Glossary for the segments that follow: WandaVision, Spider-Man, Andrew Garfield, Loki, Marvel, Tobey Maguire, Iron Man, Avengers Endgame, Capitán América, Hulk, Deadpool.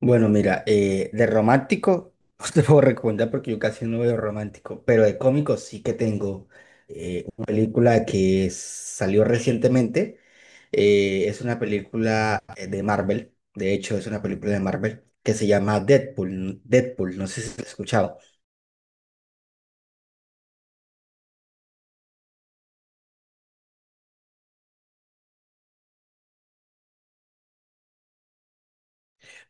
Bueno, mira, de romántico no te puedo recomendar porque yo casi no veo romántico, pero de cómico sí que tengo una película que salió recientemente. Es una película de Marvel, de hecho es una película de Marvel que se llama Deadpool. Deadpool, no sé si lo has escuchado.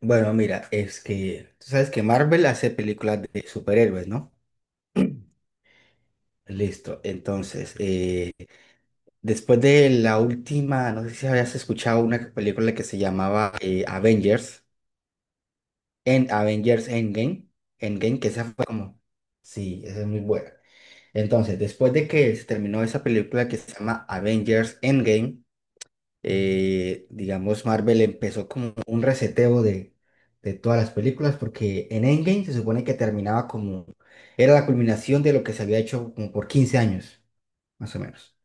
Bueno, mira, es que tú sabes que Marvel hace películas de superhéroes, ¿no? Listo, entonces, después de la última, no sé si habías escuchado una película que se llamaba Avengers, en Avengers Endgame, Endgame, que esa fue como, sí, esa es muy buena. Entonces, después de que se terminó esa película que se llama Avengers Endgame, digamos, Marvel empezó como un reseteo de todas las películas, porque en Endgame se supone que terminaba como, era la culminación de lo que se había hecho como por 15 años, más o menos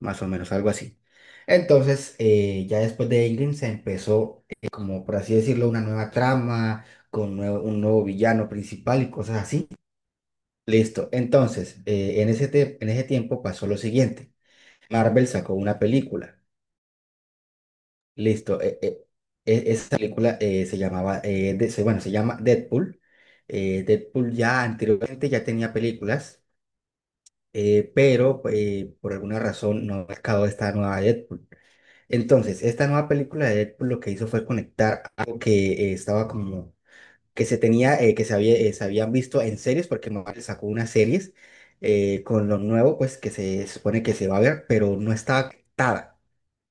más o menos, algo así. Entonces, ya después de Ingrid se empezó, como por así decirlo, una nueva trama, con un nuevo villano principal y cosas así. Listo. Entonces, en ese tiempo pasó lo siguiente. Marvel sacó una película. Listo. Esa película se llamaba, bueno, se llama Deadpool. Deadpool ya anteriormente ya tenía películas, pero por alguna razón no ha sacado esta nueva Deadpool. Entonces, esta nueva película de Deadpool lo que hizo fue conectar algo que estaba como que se tenía, que se había, se habían visto en series, porque Marvel sacó unas series con lo nuevo, pues que se supone que se va a ver, pero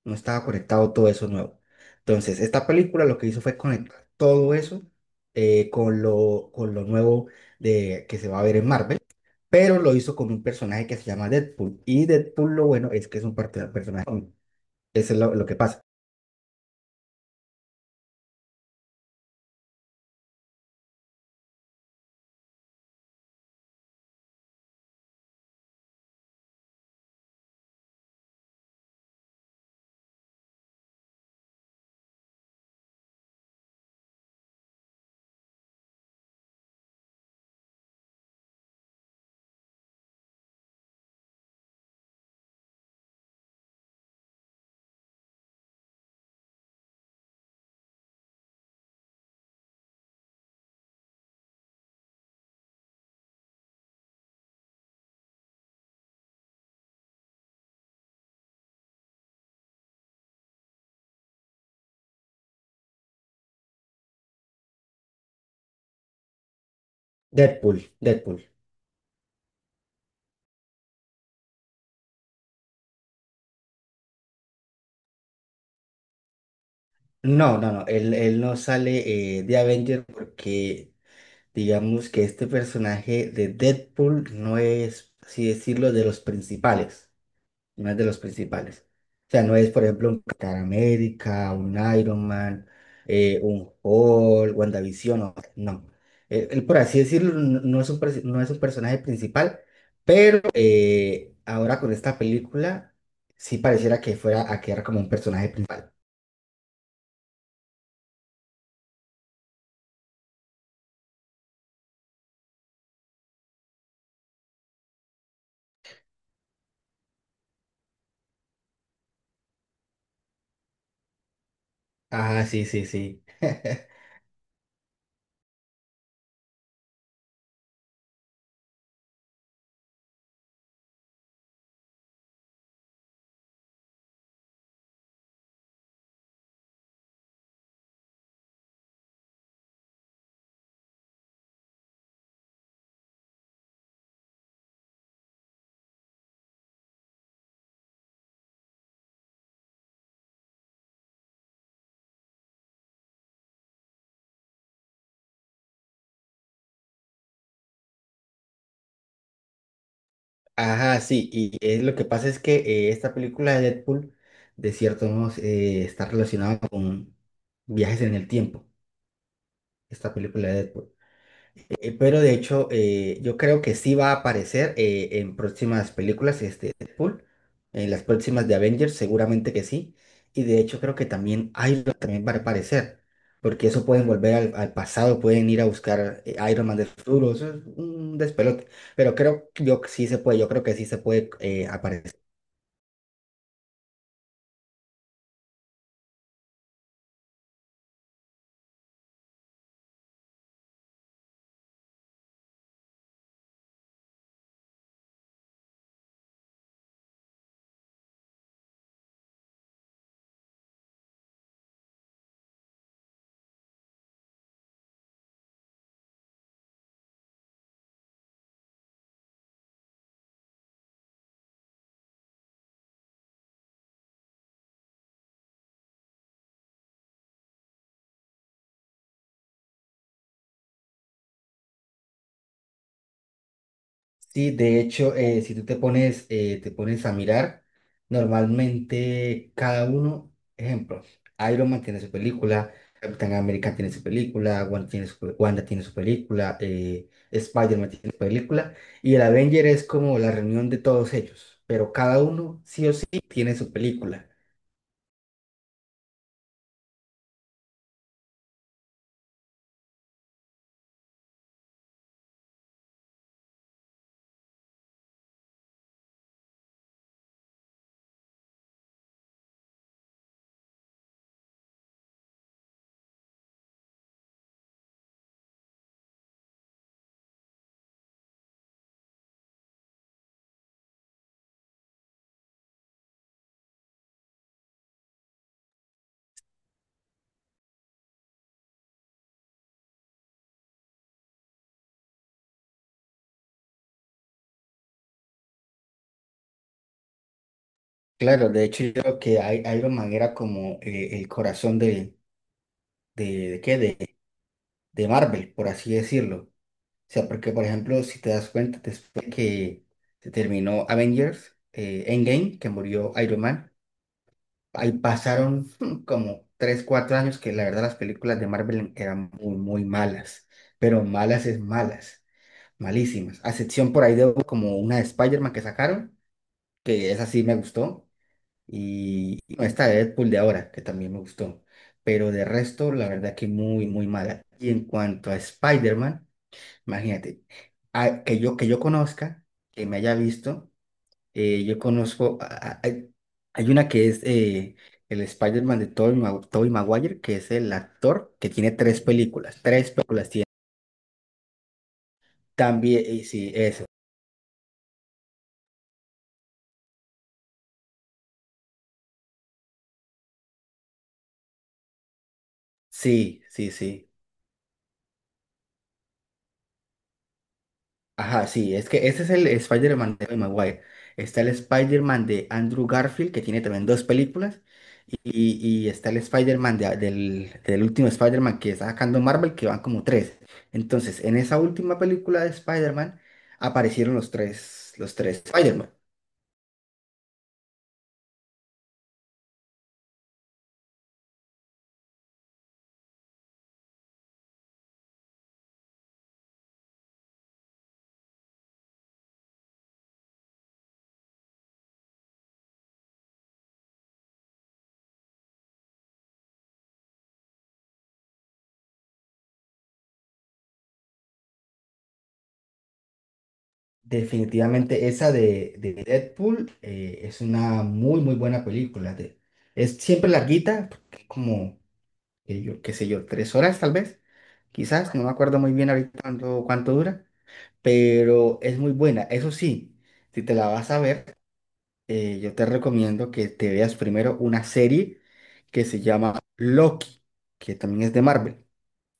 no estaba conectado todo eso nuevo. Entonces, esta película lo que hizo fue conectar todo eso con lo nuevo de, que se va a ver en Marvel. Pero lo hizo con un personaje que se llama Deadpool. Y Deadpool, lo bueno es que es un personaje. Eso es lo que pasa. Deadpool, Deadpool. No, no, no, él no sale de Avenger porque digamos que este personaje de Deadpool no es, así decirlo, de los principales, no es de los principales. O sea, no es, por ejemplo, un Capitán América, un Iron Man, un Hulk, WandaVision, no. No. Él, por así decirlo, no es un, perso- no es un personaje principal, pero ahora con esta película sí pareciera que fuera a quedar como un personaje principal. Ajá, sí, sí, sí. Ajá, sí, y lo que pasa es que esta película de Deadpool, de cierto modo, está relacionada con viajes en el tiempo, esta película de Deadpool. Pero de hecho, yo creo que sí va a aparecer en próximas películas este Deadpool, en las próximas de Avengers, seguramente que sí. Y de hecho creo que también Iron también va a aparecer, porque eso pueden volver al pasado, pueden ir a buscar Iron Man del futuro, eso es un despelote. Pero creo que yo que sí se puede, yo creo que sí se puede aparecer. Sí, de hecho, si tú te pones, a mirar, normalmente cada uno, ejemplo, Iron Man tiene su película, Capitán América tiene su película, Wanda tiene su película, Spider-Man tiene su película, y el Avenger es como la reunión de todos ellos, pero cada uno sí o sí tiene su película. Claro, de hecho yo creo que Iron Man era como el corazón de, ¿de qué? De Marvel, por así decirlo. O sea, porque por ejemplo, si te das cuenta, después que se terminó Avengers, Endgame, que murió Iron Man, ahí pasaron como 3 4 años que la verdad las películas de Marvel eran muy, muy malas, pero malas es malas, malísimas, a excepción por ahí de como una de Spider-Man que sacaron, que esa sí me gustó, y no, esta de Deadpool de ahora, que también me gustó, pero de resto, la verdad que muy, muy mala. Y en cuanto a Spider-Man, imagínate, que yo conozca, que me haya visto, yo conozco, hay una que es el Spider-Man de Tobey Maguire, que es el actor que tiene tres películas tiene. También, sí, eso, sí, sí, sí. Ajá, sí, es que ese es el Spider-Man de Tobey Maguire. Está el Spider-Man de Andrew Garfield, que tiene también dos películas. Y está el Spider-Man del último Spider-Man que está sacando Marvel, que van como tres. Entonces, en esa última película de Spider-Man aparecieron los tres Spider-Man. Definitivamente esa de Deadpool es una muy, muy buena película. Es siempre larguita, porque como, yo, qué sé yo, 3 horas tal vez, quizás, no me acuerdo muy bien ahorita cuánto dura, pero es muy buena. Eso sí, si te la vas a ver yo te recomiendo que te veas primero una serie que se llama Loki, que también es de Marvel.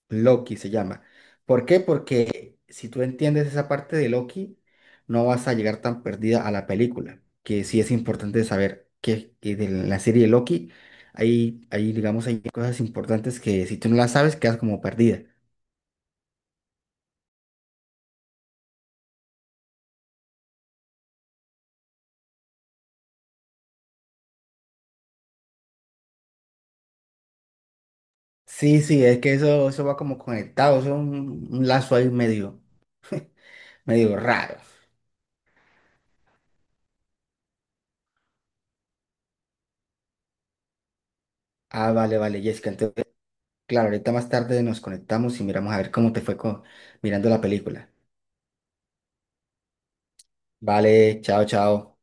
Loki se llama. ¿Por qué? Porque si tú entiendes esa parte de Loki, no vas a llegar tan perdida a la película, que sí es importante saber que de la serie de Loki digamos, hay cosas importantes que si tú no las sabes, quedas como perdida. Sí, sí, es que eso va como conectado, eso es un lazo ahí medio, medio raro. Ah, vale, vale, Jessica. Claro, ahorita más tarde nos conectamos y miramos a ver cómo te fue mirando la película. Vale, chao, chao.